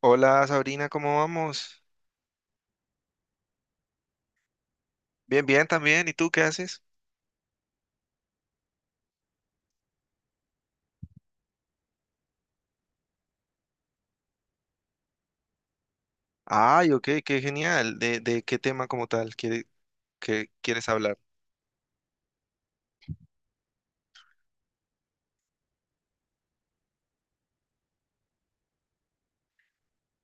Hola Sabrina, ¿cómo vamos? Bien, bien también. ¿Y tú qué haces? Ay, ok, qué genial. ¿De qué tema como tal quiere- que quieres hablar?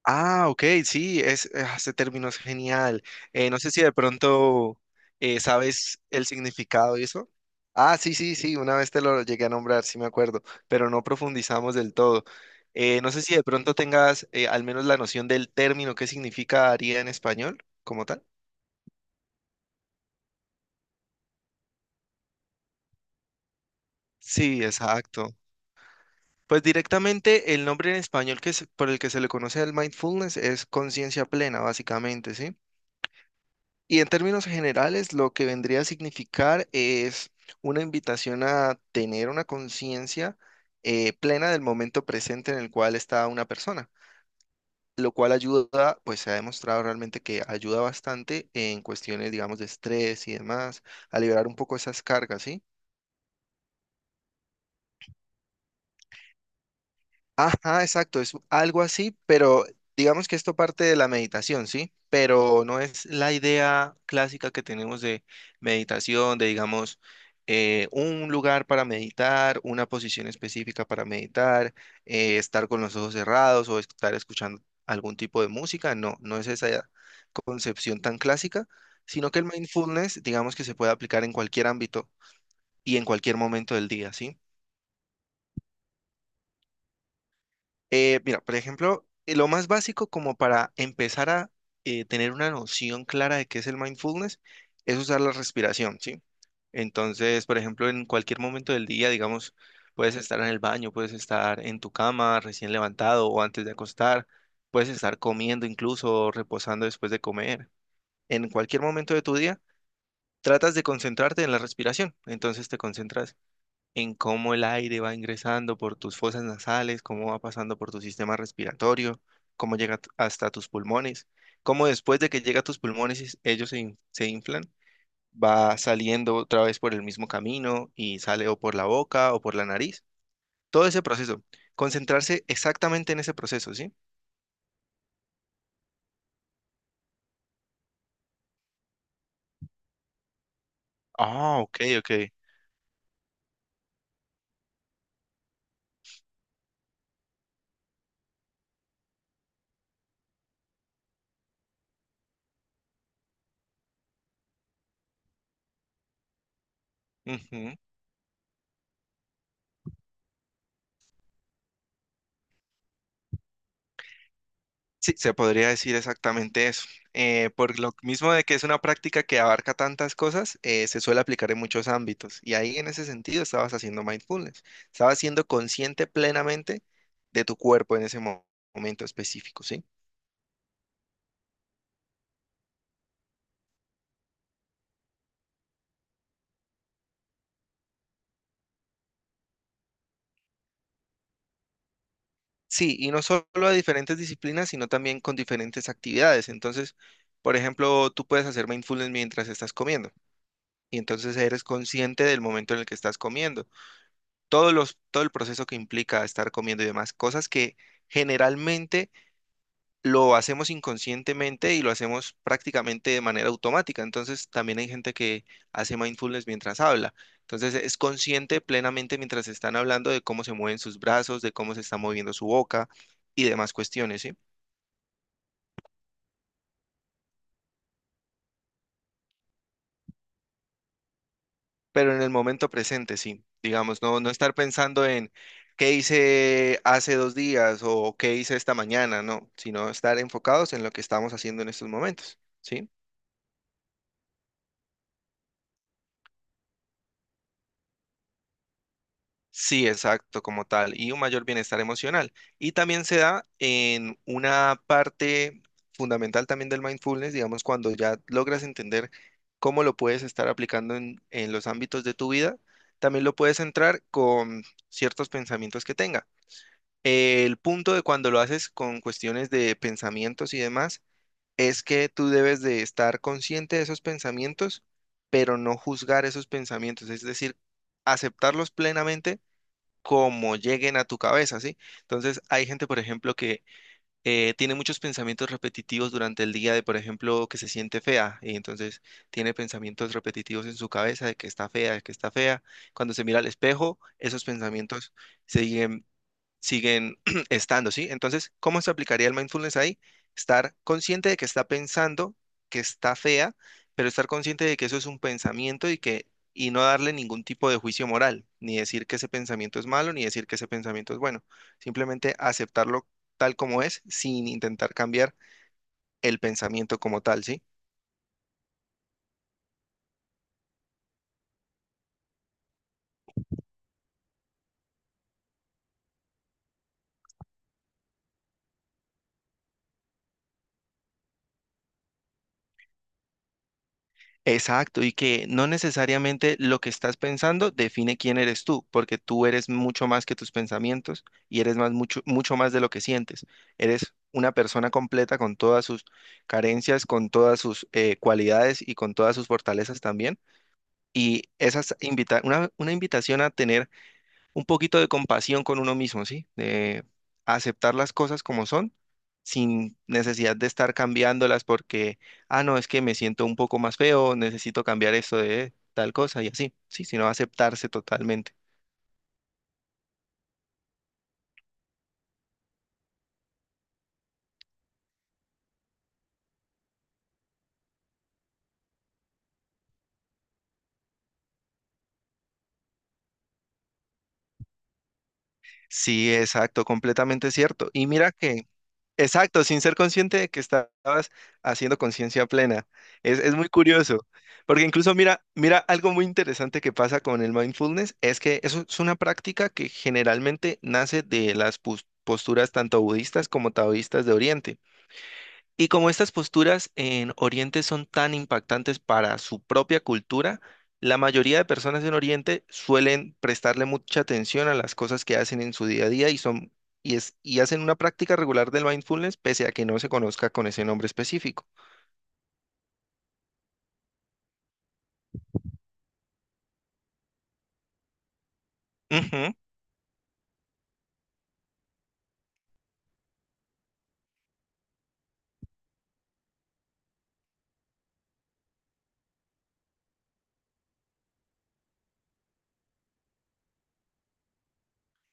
Ah, ok, sí, es, ah, ese término es genial. No sé si de pronto sabes el significado de eso. Ah, sí, sí, sí, una vez te lo llegué a nombrar, sí me acuerdo, pero no profundizamos del todo. No sé si de pronto tengas al menos la noción del término, qué significaría en español como tal. Sí, exacto. Pues directamente el nombre en español que por el que se le conoce al mindfulness es conciencia plena, básicamente, ¿sí? Y en términos generales, lo que vendría a significar es una invitación a tener una conciencia plena del momento presente en el cual está una persona, lo cual ayuda, pues se ha demostrado realmente que ayuda bastante en cuestiones, digamos, de estrés y demás, a liberar un poco esas cargas, ¿sí? Ajá, exacto, es algo así, pero digamos que esto parte de la meditación, ¿sí? Pero no es la idea clásica que tenemos de meditación, de digamos, un lugar para meditar, una posición específica para meditar, estar con los ojos cerrados o estar escuchando algún tipo de música, no, no es esa concepción tan clásica, sino que el mindfulness, digamos que se puede aplicar en cualquier ámbito y en cualquier momento del día, ¿sí? Mira, por ejemplo, lo más básico como para empezar a tener una noción clara de qué es el mindfulness es usar la respiración, ¿sí? Entonces, por ejemplo, en cualquier momento del día, digamos, puedes estar en el baño, puedes estar en tu cama recién levantado o antes de acostar, puedes estar comiendo incluso o reposando después de comer. En cualquier momento de tu día, tratas de concentrarte en la respiración. Entonces te concentras en cómo el aire va ingresando por tus fosas nasales, cómo va pasando por tu sistema respiratorio, cómo llega hasta tus pulmones, cómo después de que llega a tus pulmones ellos se inflan, va saliendo otra vez por el mismo camino y sale o por la boca o por la nariz. Todo ese proceso. Concentrarse exactamente en ese proceso, ¿sí? Ah, ok, ok. Ujú. Sí, se podría decir exactamente eso. Por lo mismo de que es una práctica que abarca tantas cosas, se suele aplicar en muchos ámbitos. Y ahí en ese sentido estabas haciendo mindfulness, estabas siendo consciente plenamente de tu cuerpo en ese momento específico, ¿sí? Sí, y no solo a diferentes disciplinas, sino también con diferentes actividades. Entonces, por ejemplo, tú puedes hacer mindfulness mientras estás comiendo. Y entonces eres consciente del momento en el que estás comiendo todo el proceso que implica estar comiendo y demás, cosas que generalmente lo hacemos inconscientemente y lo hacemos prácticamente de manera automática. Entonces, también hay gente que hace mindfulness mientras habla. Entonces, es consciente plenamente mientras están hablando de cómo se mueven sus brazos, de cómo se está moviendo su boca y demás cuestiones, ¿sí? Pero en el momento presente, sí. Digamos, no, no estar pensando en qué hice hace dos días o qué hice esta mañana, no, sino estar enfocados en lo que estamos haciendo en estos momentos, ¿sí? Sí, exacto, como tal, y un mayor bienestar emocional. Y también se da en una parte fundamental también del mindfulness, digamos, cuando ya logras entender cómo lo puedes estar aplicando en los ámbitos de tu vida, también lo puedes entrar con ciertos pensamientos que tenga. El punto de cuando lo haces con cuestiones de pensamientos y demás es que tú debes de estar consciente de esos pensamientos, pero no juzgar esos pensamientos, es decir, aceptarlos plenamente como lleguen a tu cabeza, ¿sí? Entonces, hay gente, por ejemplo, que tiene muchos pensamientos repetitivos durante el día de, por ejemplo, que se siente fea y entonces tiene pensamientos repetitivos en su cabeza de que está fea, de que está fea. Cuando se mira al espejo, esos pensamientos siguen siguen estando, ¿sí? Entonces, ¿cómo se aplicaría el mindfulness ahí? Estar consciente de que está pensando, que está fea, pero estar consciente de que eso es un pensamiento y no darle ningún tipo de juicio moral, ni decir que ese pensamiento es malo, ni decir que ese pensamiento es bueno. Simplemente aceptarlo tal como es, sin intentar cambiar el pensamiento como tal, ¿sí? Exacto, y que no necesariamente lo que estás pensando define quién eres tú, porque tú eres mucho más que tus pensamientos y eres más mucho, mucho más de lo que sientes. Eres una persona completa con todas sus carencias, con todas sus cualidades y con todas sus fortalezas también. Y esas invita una invitación a tener un poquito de compasión con uno mismo, ¿sí? De aceptar las cosas como son, sin necesidad de estar cambiándolas porque, ah, no, es que me siento un poco más feo, necesito cambiar esto de tal cosa y así, sí, sino aceptarse totalmente. Sí, exacto, completamente cierto. Y mira que exacto, sin ser consciente de que estabas haciendo conciencia plena. Es muy curioso, porque incluso mira, algo muy interesante que pasa con el mindfulness es que eso es una práctica que generalmente nace de las posturas tanto budistas como taoístas de Oriente. Y como estas posturas en Oriente son tan impactantes para su propia cultura, la mayoría de personas en Oriente suelen prestarle mucha atención a las cosas que hacen en su día a día y son y es y hacen una práctica regular del mindfulness pese a que no se conozca con ese nombre específico. Ujú.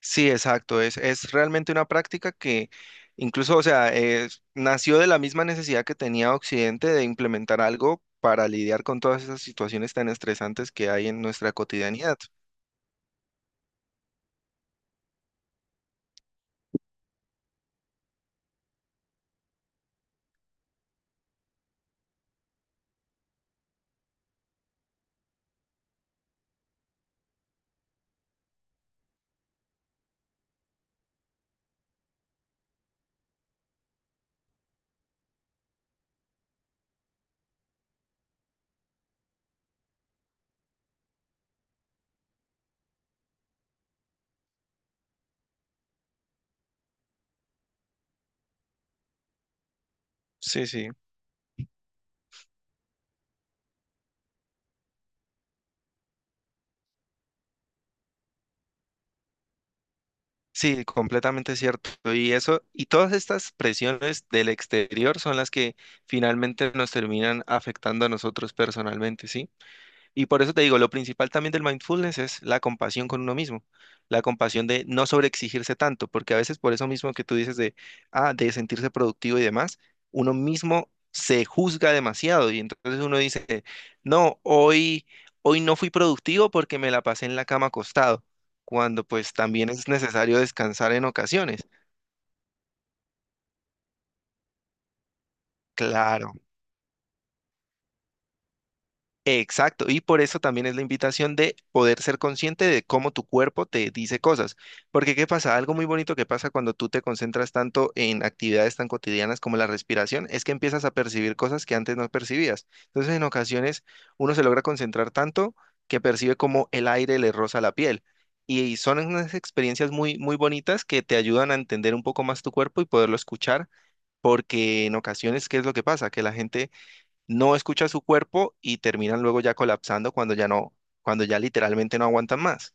Sí, exacto, es realmente una práctica que incluso, o sea, nació de la misma necesidad que tenía Occidente de implementar algo para lidiar con todas esas situaciones tan estresantes que hay en nuestra cotidianidad. Sí, sí. Sí, completamente cierto. Y eso, y todas estas presiones del exterior son las que finalmente nos terminan afectando a nosotros personalmente, ¿sí? Y por eso te digo, lo principal también del mindfulness es la compasión con uno mismo, la compasión de no sobreexigirse tanto, porque a veces por eso mismo que tú dices de, ah, de sentirse productivo y demás, uno mismo se juzga demasiado y entonces uno dice, no, hoy no fui productivo porque me la pasé en la cama acostado, cuando pues también es necesario descansar en ocasiones. Claro. Exacto, y por eso también es la invitación de poder ser consciente de cómo tu cuerpo te dice cosas. Porque ¿qué pasa? Algo muy bonito que pasa cuando tú te concentras tanto en actividades tan cotidianas como la respiración es que empiezas a percibir cosas que antes no percibías. Entonces, en ocasiones uno se logra concentrar tanto que percibe como el aire le roza la piel. Y son unas experiencias muy, muy bonitas que te ayudan a entender un poco más tu cuerpo y poderlo escuchar, porque en ocasiones, ¿qué es lo que pasa? Que la gente no escucha su cuerpo y terminan luego ya colapsando cuando ya no, cuando ya literalmente no aguantan más.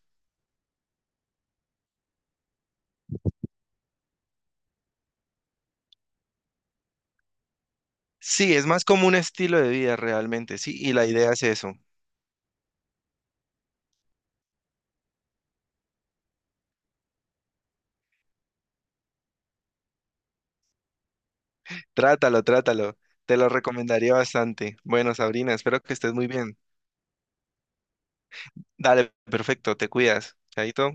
Sí, es más como un estilo de vida realmente, sí, y la idea es eso. Trátalo, trátalo. Te lo recomendaría bastante. Bueno, Sabrina, espero que estés muy bien. Dale, perfecto, te cuidas. Chaito.